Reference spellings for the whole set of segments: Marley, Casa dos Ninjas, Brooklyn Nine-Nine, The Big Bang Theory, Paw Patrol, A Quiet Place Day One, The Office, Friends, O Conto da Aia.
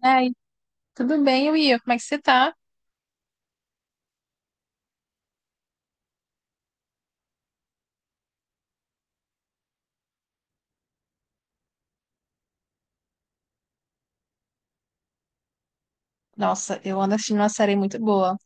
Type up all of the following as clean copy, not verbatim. E aí, tudo bem, Will? Como é que você tá? Nossa, eu ando assistindo uma série muito boa,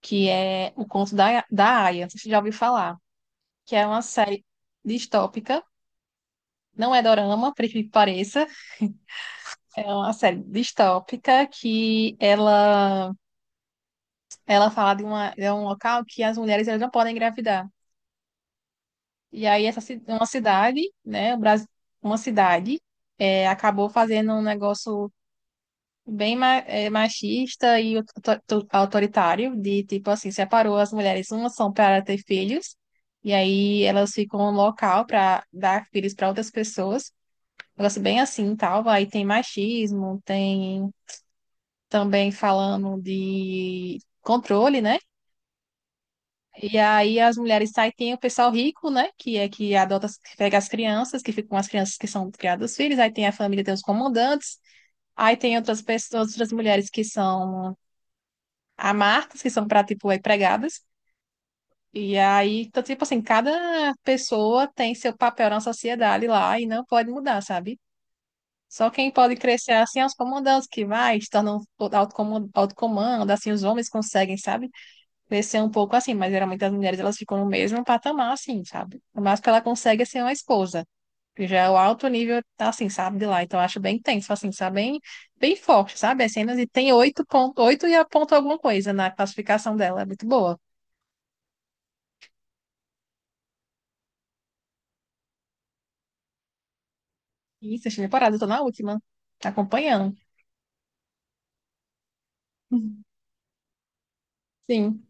que é O Conto da Aia. Você já ouviu falar? Que é uma série distópica, não é dorama, por incrível que pareça. É uma série distópica que ela fala de, uma, de um local que as mulheres elas não podem engravidar. E aí, uma cidade, né, o Brasil, uma cidade, acabou fazendo um negócio bem machista e autoritário, de tipo assim, separou as mulheres, umas são para ter filhos, e aí elas ficam no local para dar filhos para outras pessoas. Um negócio bem assim, tal, aí tem machismo, tem também falando de controle, né? E aí as mulheres saem, tem o pessoal rico, né? Que é que adota, que pega as crianças, que ficam com as crianças que são criadas os filhos, aí tem a família, tem os comandantes, aí tem outras pessoas, outras mulheres que são há marcas que são para, tipo, aí pregadas. E aí, então, tipo assim, cada pessoa tem seu papel na sociedade lá e não pode mudar, sabe? Só quem pode crescer assim é os comandantes que vai, se tornam autocomando, autocomando, assim, os homens conseguem, sabe? Crescer um pouco assim, mas geralmente as mulheres elas ficam no mesmo patamar, assim, sabe? O máximo que ela consegue é ser uma esposa, que já é o alto nível, assim, sabe, de lá. Então, eu acho bem intenso, assim, sabe? Bem, bem forte, sabe? As cenas e tem oito ponto, oito e a ponto alguma coisa na classificação dela, é muito boa. Isso, eu cheguei parada, eu tô na última. Tá acompanhando. Sim,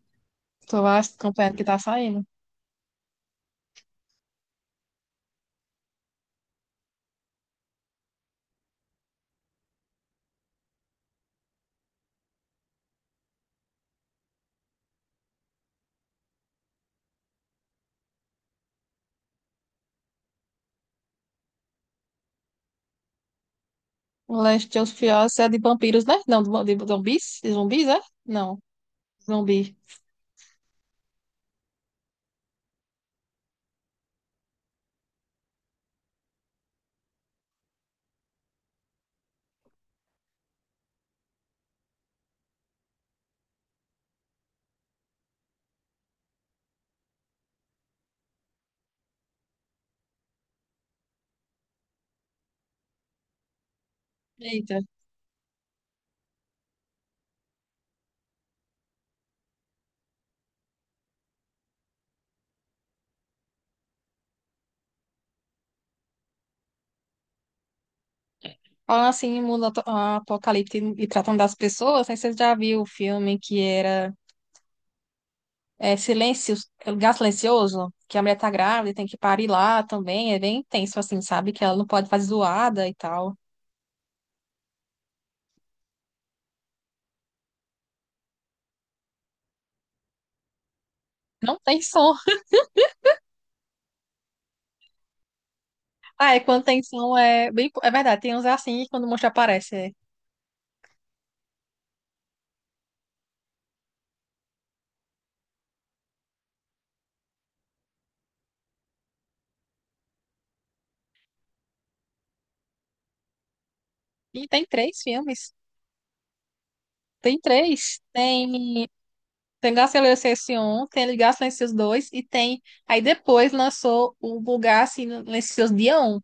tô acompanhando o que tá saindo. O Last of Us é de vampiros, né? Não, de zumbis? De zumbis, é? Não, zumbi. Eita. Falam assim, em apocalipse e tratando das pessoas, não sei se você já viu o filme que era Silêncio, Lugar Silencioso, que a mulher tá grávida e tem que parir lá também, é bem intenso assim, sabe? Que ela não pode fazer zoada e tal. Não tem som. Ah, é quando tem som, é bem... É verdade, tem uns é assim, quando o monstro aparece, é. E tem três filmes. Tem três. Tem, tem Garcilaso 1, tem Ligar Silencioso 2 e tem. Aí depois lançou o Vulgar Silencioso Dia um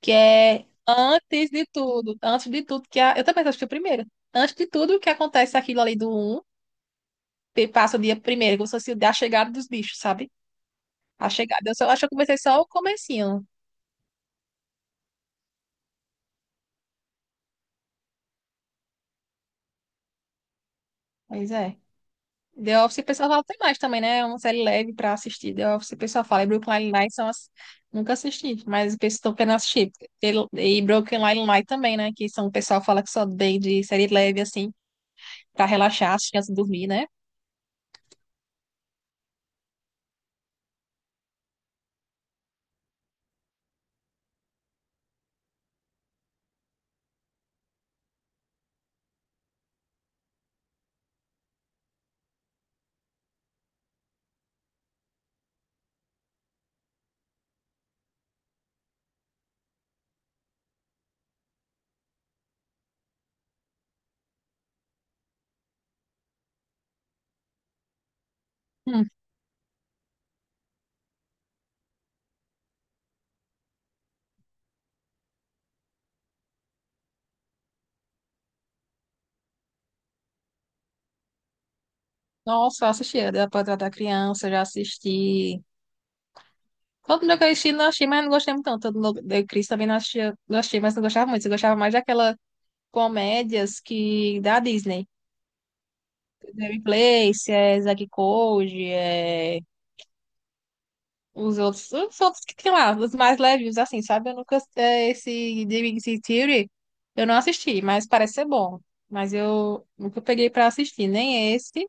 que é antes de tudo. Antes de tudo, que é a, eu também assisti o primeiro. Antes de tudo, o que acontece aquilo ali do um que passa o dia primeiro, como se fosse o dia- a chegada dos bichos, sabe? A chegada. Eu só acho que eu comecei só o comecinho. Pois é. The Office, o pessoal fala, tem mais também, né? É uma série leve pra assistir. The Office, o pessoal fala. E Brooklyn Nine-Nine são as... Nunca assisti, mas o pessoal estão querendo assistir. E Brooklyn Nine-Nine também, né? Que são, o pessoal fala que só bem de série leve, assim, pra relaxar, assistir antes de dormir, né? Hum. Nossa, eu assisti. A da Patrulha da Criança, já assisti. Todo mundo que eu assisti, não assisti, mas não gostei muito tanto. Todo mundo da Cris também não assistia, não achei mas não gostava muito. Eu gostava mais daquelas comédias que... da Disney. Mary Place, é Zack e Cody, é... os outros que tem lá, os mais leves, assim, sabe? Eu nunca, é, esse The Big Bang Theory, eu não assisti, mas parece ser bom. Mas eu nunca peguei pra assistir, nem esse.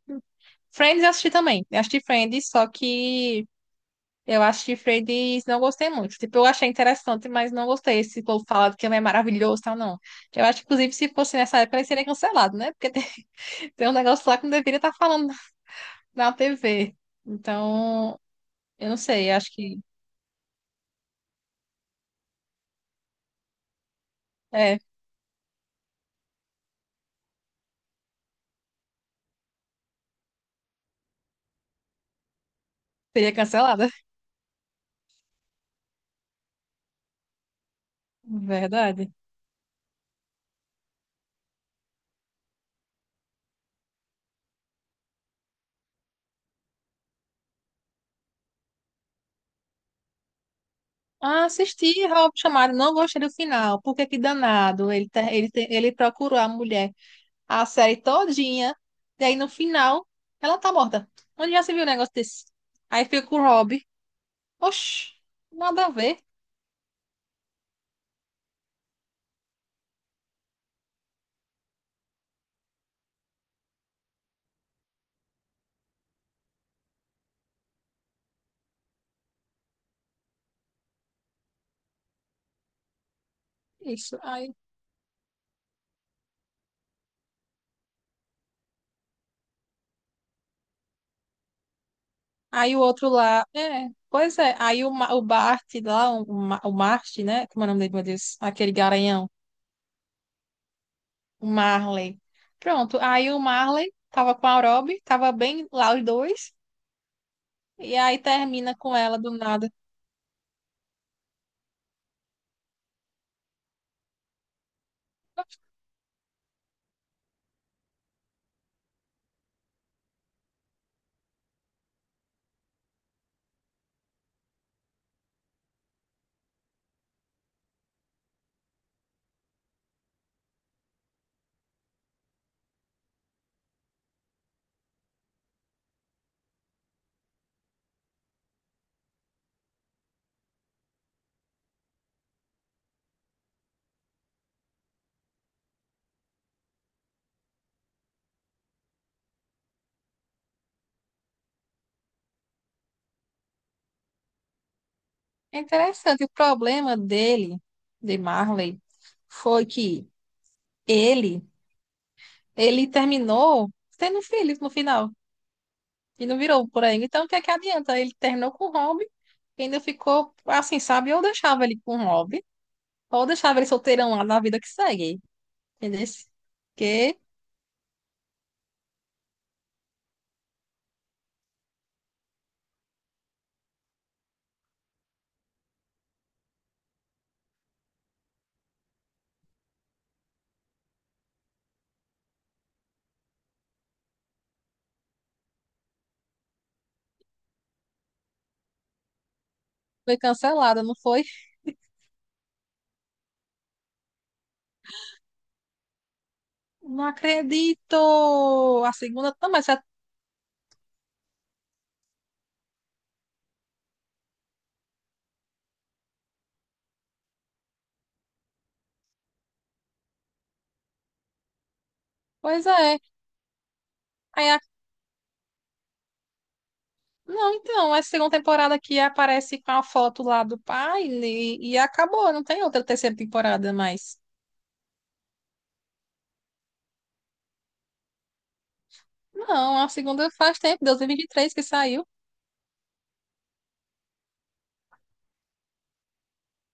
Friends eu assisti também. Eu assisti Friends, só que eu assisti Friends e não gostei muito. Tipo, eu achei interessante, mas não gostei. Esse povo falado que é maravilhoso e tal, não. Eu acho que, inclusive, se fosse nessa época, ele seria cancelado, né? Porque tem, tem um negócio lá que não deveria estar falando na TV. Então, eu não sei, eu acho que, é, seria cancelado. Verdade. Ah, assisti Rob Chamado, não gostei do final, porque que danado. Ele, tá ele, te- Ele procurou a mulher a série todinha, e aí no final ela tá morta. Onde já se viu um negócio desse? Aí fica com o Rob. Oxi, nada a ver. Isso. Aí o outro lá, é, pois é. Aí o, Ma- o Bart lá, o, Ma- o Mart, né? Como é o nome dele, meu Deus? Aquele garanhão, o Marley. Pronto, aí o Marley tava com a Rob, tava bem lá os dois. E aí termina com ela do nada. É interessante, o problema dele, de Marley, foi que ele, ele terminou tendo filhos no final. E não virou por aí. Então, o que é que adianta? Ele terminou com o Rob, e ainda ficou assim, sabe? Ou deixava ele com o Rob, ou deixava ele solteirão lá na vida que segue. Entendeu? Que foi cancelada, não foi? Não acredito! A segunda também já. Pois é. Aí Não, então, essa segunda temporada aqui aparece com a foto lá do pai e acabou, não tem outra terceira temporada mais. Não, a segunda faz tempo, 2023 que saiu.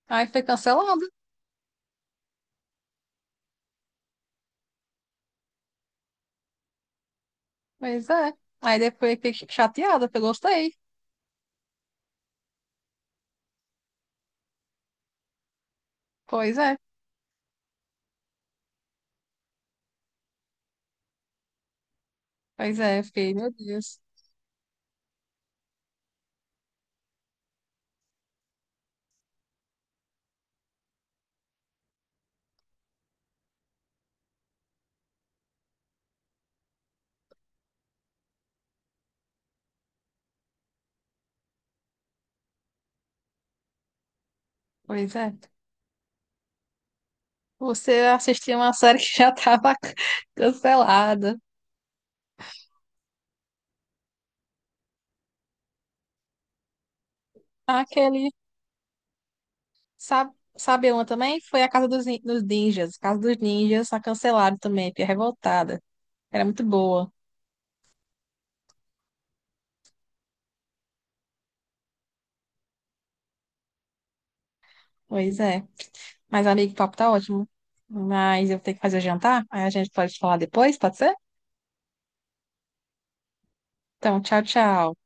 Aí foi cancelada. Pois é. Aí depois fiquei chateada, porque eu gostei. Pois é, pois é, fiquei, meu Deus. Pois é. Você assistiu uma série que já estava cancelada. Aquele, sabe, sabe uma também? Foi a Casa dos, dos Ninjas. Casa dos Ninjas, a cancelada também, fiquei revoltada. Era muito boa. Pois é. Mas, amigo, o papo tá ótimo. Mas eu tenho que fazer o jantar. Aí a gente pode falar depois, pode ser? Então, tchau, tchau.